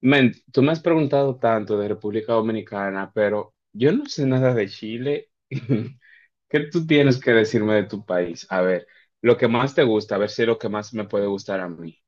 Men, tú me has preguntado tanto de República Dominicana, pero yo no sé nada de Chile. ¿Qué tú tienes que decirme de tu país? A ver, lo que más te gusta, a ver si es lo que más me puede gustar a mí.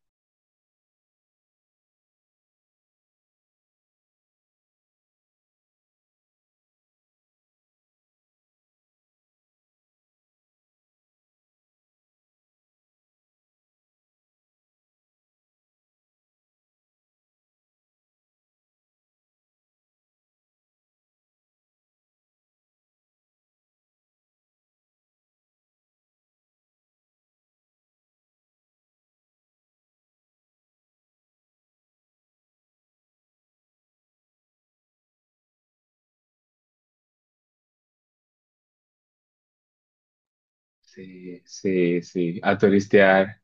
Sí, sí, sí, a turistear.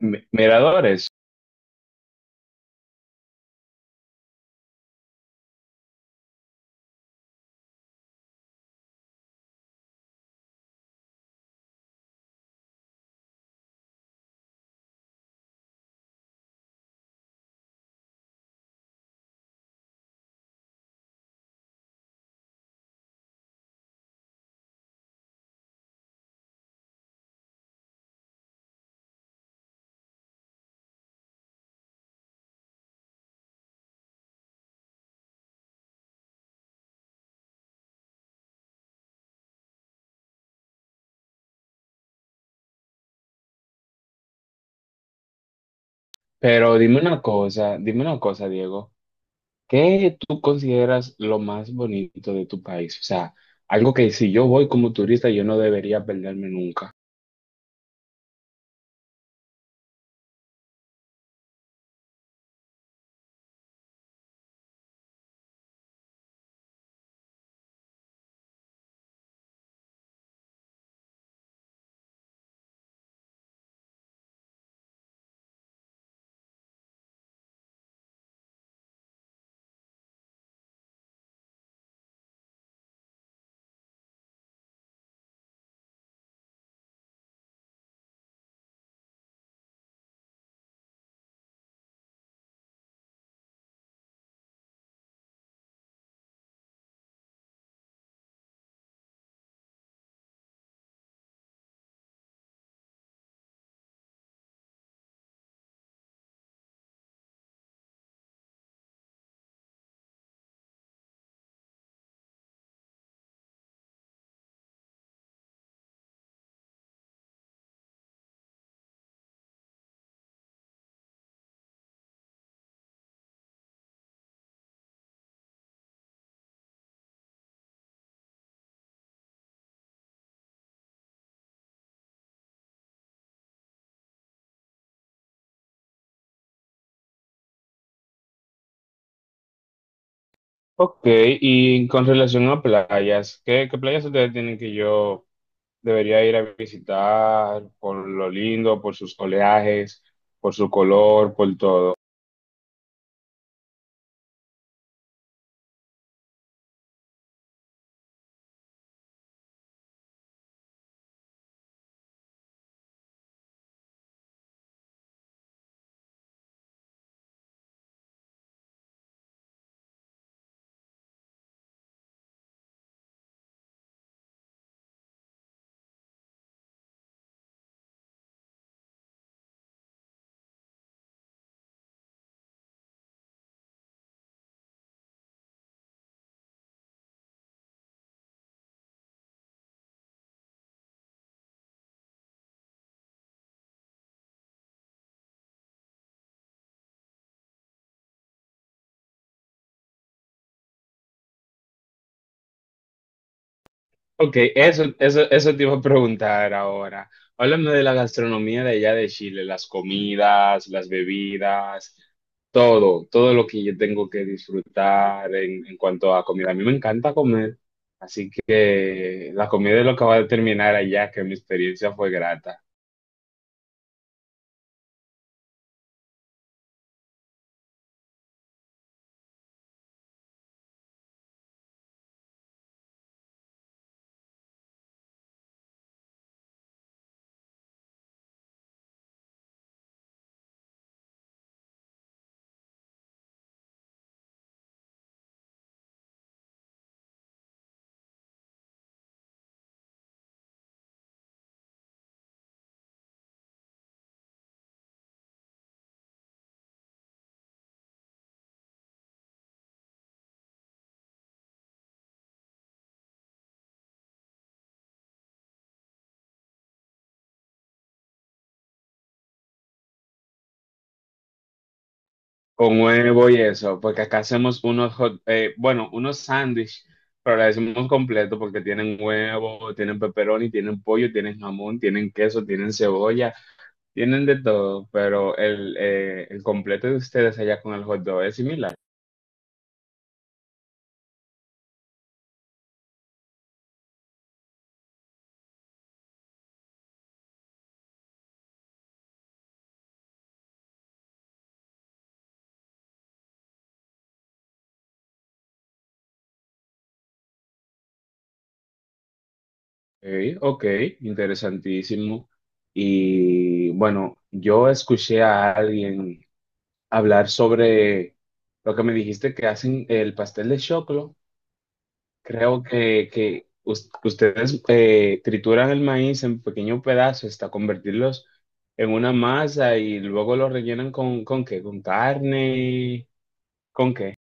Miradores. Pero dime una cosa, Diego. ¿Qué tú consideras lo más bonito de tu país? O sea, algo que si yo voy como turista, yo no debería perderme nunca. Ok, y con relación a playas, ¿qué, qué playas ustedes tienen que yo debería ir a visitar por lo lindo, por sus oleajes, por su color, por todo? Ok, eso te iba a preguntar ahora. Háblame de la gastronomía de allá de Chile, las comidas, las bebidas, todo, todo lo que yo tengo que disfrutar en cuanto a comida. A mí me encanta comer, así que la comida es lo que va a determinar allá que mi experiencia fue grata. Con huevo y eso, porque acá hacemos unos hot, unos sándwich, pero le decimos completo porque tienen huevo, tienen pepperoni, tienen pollo, tienen jamón, tienen queso, tienen cebolla, tienen de todo, pero el completo de ustedes allá con el hot dog es similar. Ok, ok, interesantísimo. Y bueno, yo escuché a alguien hablar sobre lo que me dijiste que hacen el pastel de choclo. Creo que ustedes trituran el maíz en pequeños pedazos hasta convertirlos en una masa y luego lo rellenan ¿con qué? ¿Con carne? ¿Con qué?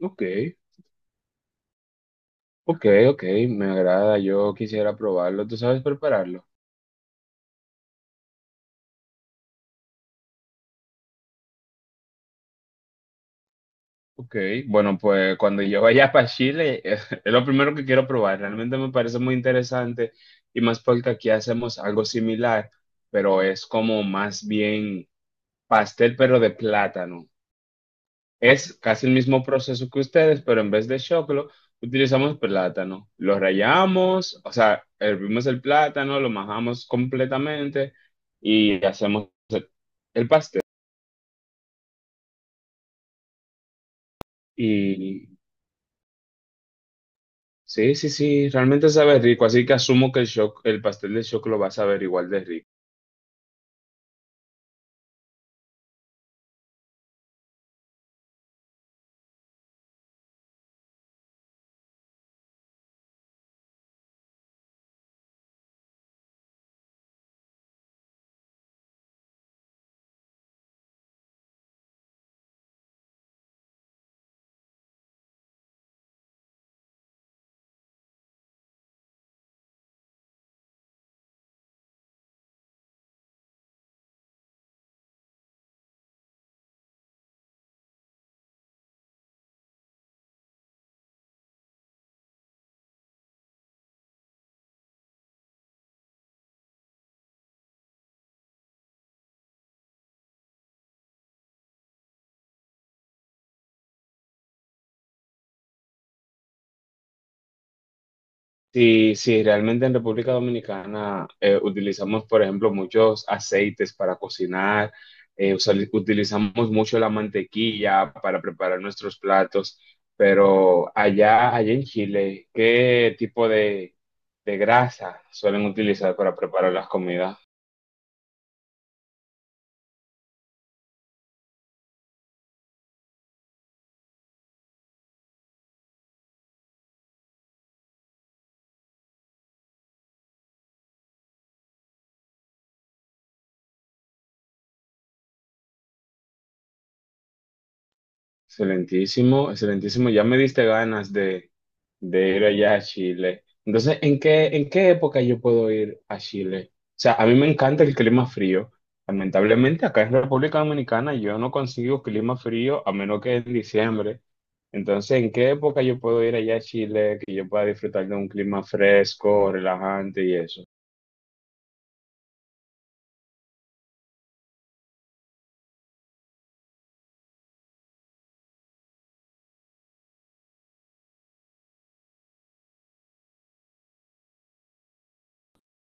Ok, ok, ok, me agrada, yo quisiera probarlo. ¿Tú sabes prepararlo? Ok, bueno, pues cuando yo vaya para Chile, es lo primero que quiero probar. Realmente me parece muy interesante y más porque aquí hacemos algo similar, pero es como más bien pastel, pero de plátano. Es casi el mismo proceso que ustedes, pero en vez de choclo, utilizamos plátano. Lo rallamos, o sea, hervimos el plátano, lo majamos completamente y hacemos el pastel. Y sí, sí, sí, realmente sabe rico, así que asumo que el pastel de choclo va a saber igual de rico. Sí, sí, realmente en República Dominicana utilizamos, por ejemplo, muchos aceites para cocinar, utilizamos mucho la mantequilla para preparar nuestros platos, pero allá en Chile, ¿qué tipo de grasa suelen utilizar para preparar las comidas? Excelentísimo, excelentísimo. Ya me diste ganas de ir allá a Chile. Entonces, en qué época yo puedo ir a Chile? O sea, a mí me encanta el clima frío. Lamentablemente, acá en República Dominicana yo no consigo clima frío a menos que en diciembre. Entonces, ¿en qué época yo puedo ir allá a Chile que yo pueda disfrutar de un clima fresco, relajante y eso?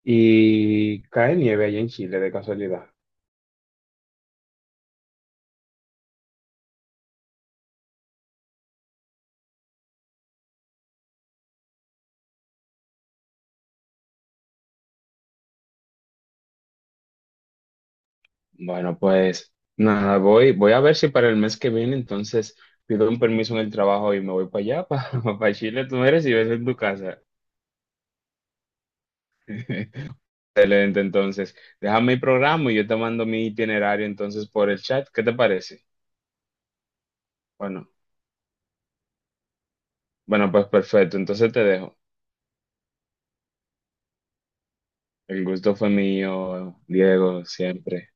¿Y cae nieve allá en Chile de casualidad? Bueno, pues nada, voy, voy a ver si para el mes que viene entonces pido un permiso en el trabajo y me voy para allá, para Chile, tú eres y ves en tu casa. Excelente, entonces, déjame el programa y yo te mando mi itinerario entonces por el chat, ¿qué te parece? Bueno, bueno, pues perfecto, entonces te dejo. El gusto fue mío, Diego, siempre.